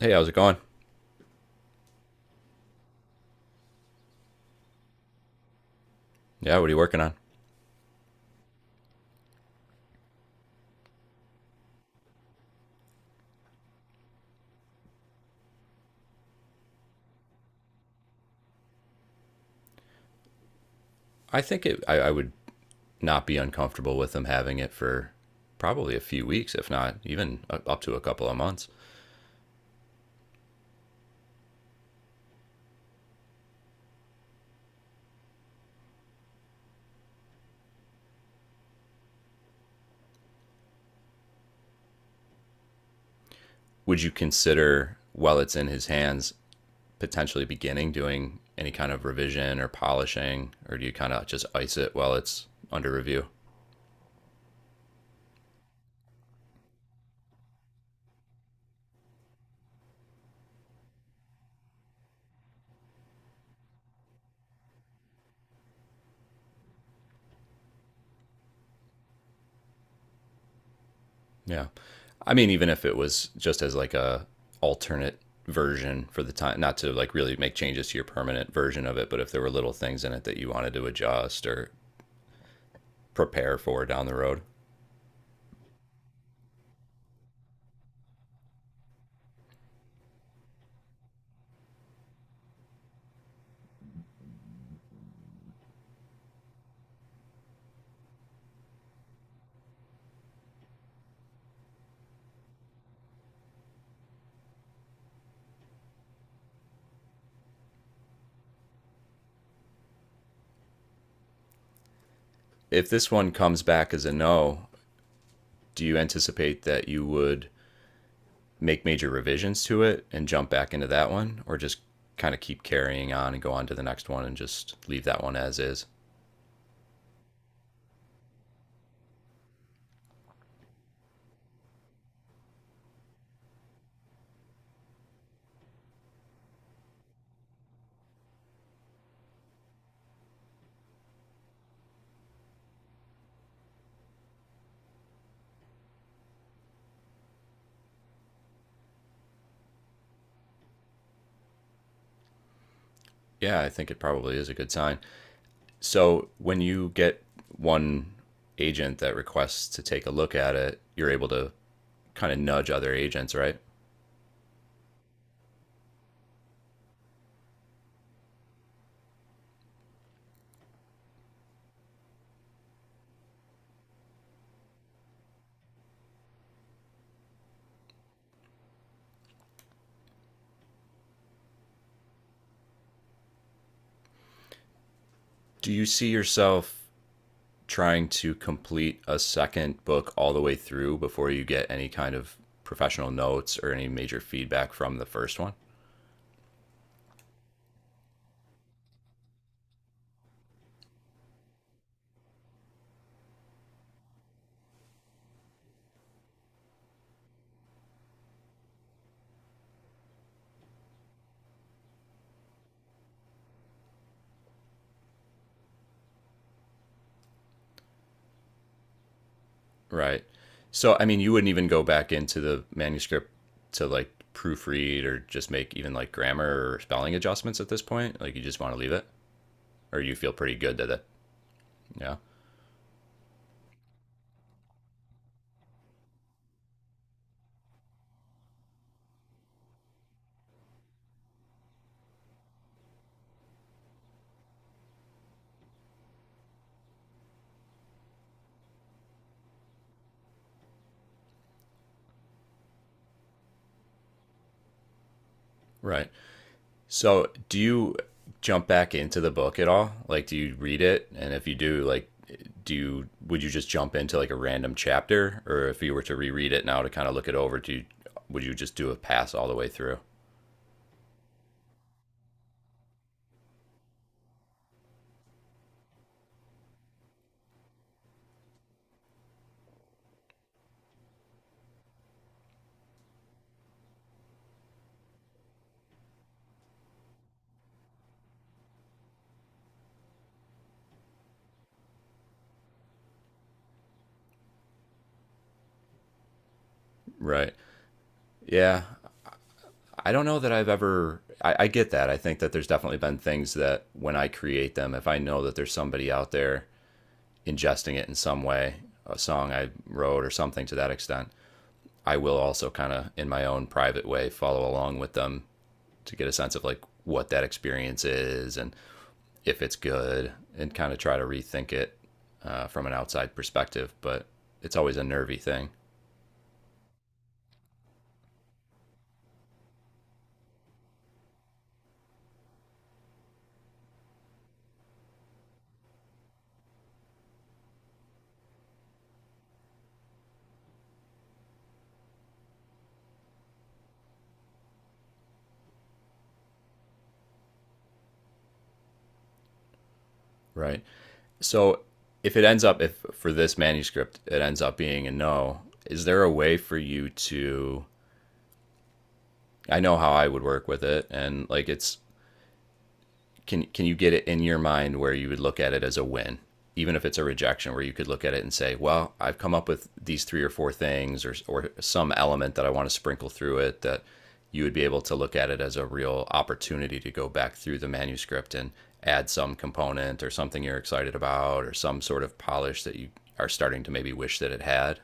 Hey, how's it going? Yeah, what are you working on? I think it, I would not be uncomfortable with them having it for probably a few weeks, if not even up to a couple of months. Would you consider, while it's in his hands, potentially beginning doing any kind of revision or polishing, or do you kind of just ice it while it's under review? Yeah, I mean, even if it was just as like a alternate version for the time, not to like really make changes to your permanent version of it, but if there were little things in it that you wanted to adjust or prepare for down the road. If this one comes back as a no, do you anticipate that you would make major revisions to it and jump back into that one, or just kind of keep carrying on and go on to the next one and just leave that one as is? Yeah, I think it probably is a good sign. So when you get one agent that requests to take a look at it, you're able to kind of nudge other agents, right? Do you see yourself trying to complete a second book all the way through before you get any kind of professional notes or any major feedback from the first one? Right. So, I mean, you wouldn't even go back into the manuscript to like proofread or just make even like grammar or spelling adjustments at this point. Like, you just want to leave it, or you feel pretty good that it. Yeah. Right. So, do you jump back into the book at all? Like, do you read it? And if you do, like, do you would you just jump into like a random chapter, or if you were to reread it now to kind of look it over, do you would you just do a pass all the way through? Right. Yeah. I don't know that I've ever. I get that. I think that there's definitely been things that when I create them, if I know that there's somebody out there ingesting it in some way, a song I wrote or something to that extent, I will also kind of in my own private way follow along with them to get a sense of like what that experience is and if it's good and kind of try to rethink it from an outside perspective. But it's always a nervy thing, right? So if it ends up, if for this manuscript, it ends up being a no, is there a way for you to? I know how I would work with it, and like it's can you get it in your mind where you would look at it as a win even if it's a rejection, where you could look at it and say, well, I've come up with these three or four things, or some element that I want to sprinkle through it, that you would be able to look at it as a real opportunity to go back through the manuscript and add some component or something you're excited about or some sort of polish that you are starting to maybe wish that it had.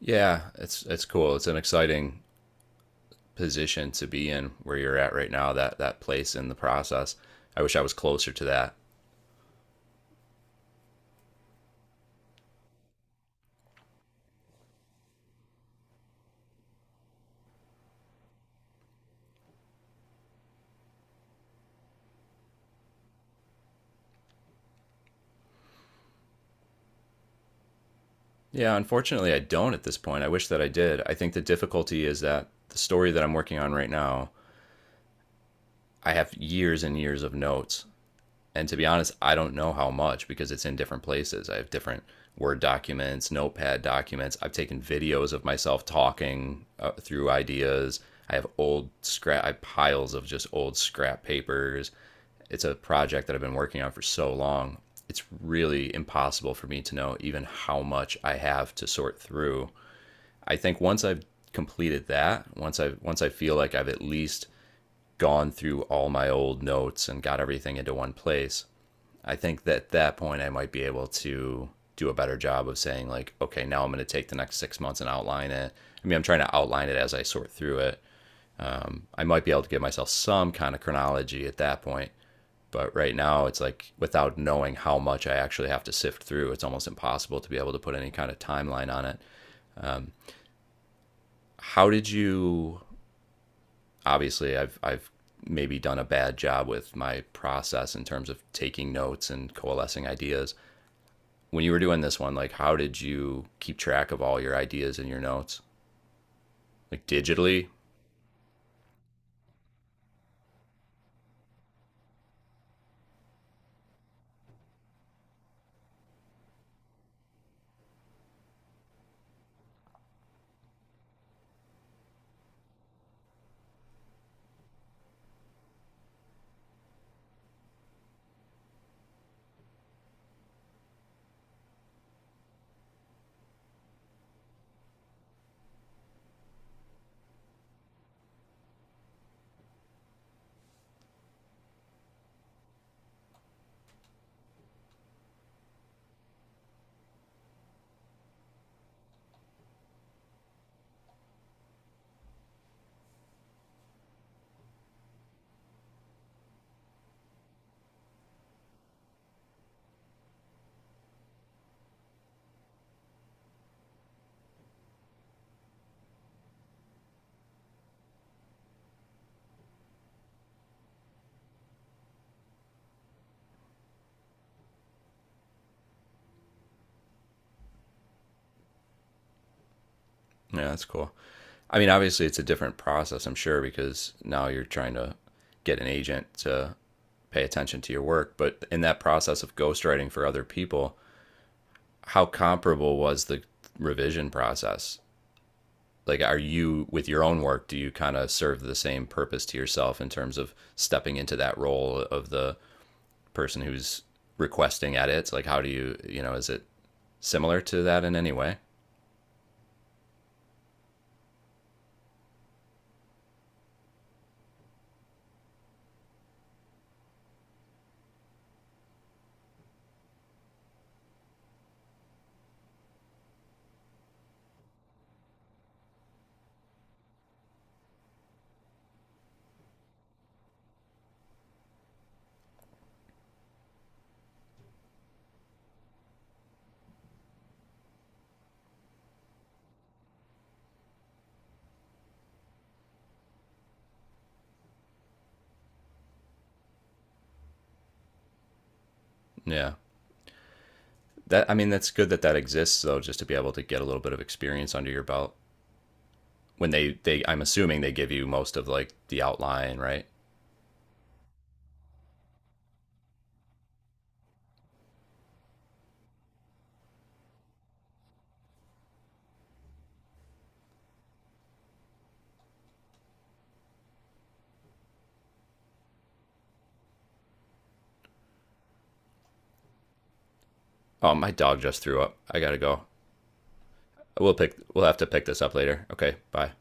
Yeah, it's cool, it's an exciting position to be in where you're at right now, that that place in the process. I wish I was closer to that. Yeah, unfortunately, I don't at this point. I wish that I did. I think the difficulty is that the story that I'm working on right now, I have years and years of notes. And to be honest, I don't know how much because it's in different places. I have different Word documents, Notepad documents. I've taken videos of myself talking through ideas. I have old scrap, I have piles of just old scrap papers. It's a project that I've been working on for so long. It's really impossible for me to know even how much I have to sort through. I think once I've completed that, once I feel like I've at least gone through all my old notes and got everything into one place, I think that at that point I might be able to do a better job of saying, like, okay, now I'm going to take the next 6 months and outline it. I mean, I'm trying to outline it as I sort through it. I might be able to give myself some kind of chronology at that point. But right now, it's like without knowing how much I actually have to sift through, it's almost impossible to be able to put any kind of timeline on it. How did you, obviously I've maybe done a bad job with my process in terms of taking notes and coalescing ideas. When you were doing this one, like, how did you keep track of all your ideas and your notes? Like digitally? Yeah, that's cool. I mean, obviously it's a different process, I'm sure, because now you're trying to get an agent to pay attention to your work, but in that process of ghostwriting for other people, how comparable was the revision process? Like, are you with your own work, do you kind of serve the same purpose to yourself in terms of stepping into that role of the person who's requesting edits? Like, how do you, you know, is it similar to that in any way? Yeah, that, I mean, that's good that that exists, though, just to be able to get a little bit of experience under your belt. When they, I'm assuming they give you most of like the outline, right? Oh, my dog just threw up, I gotta go. We'll pick we'll have to pick this up later. Okay, bye.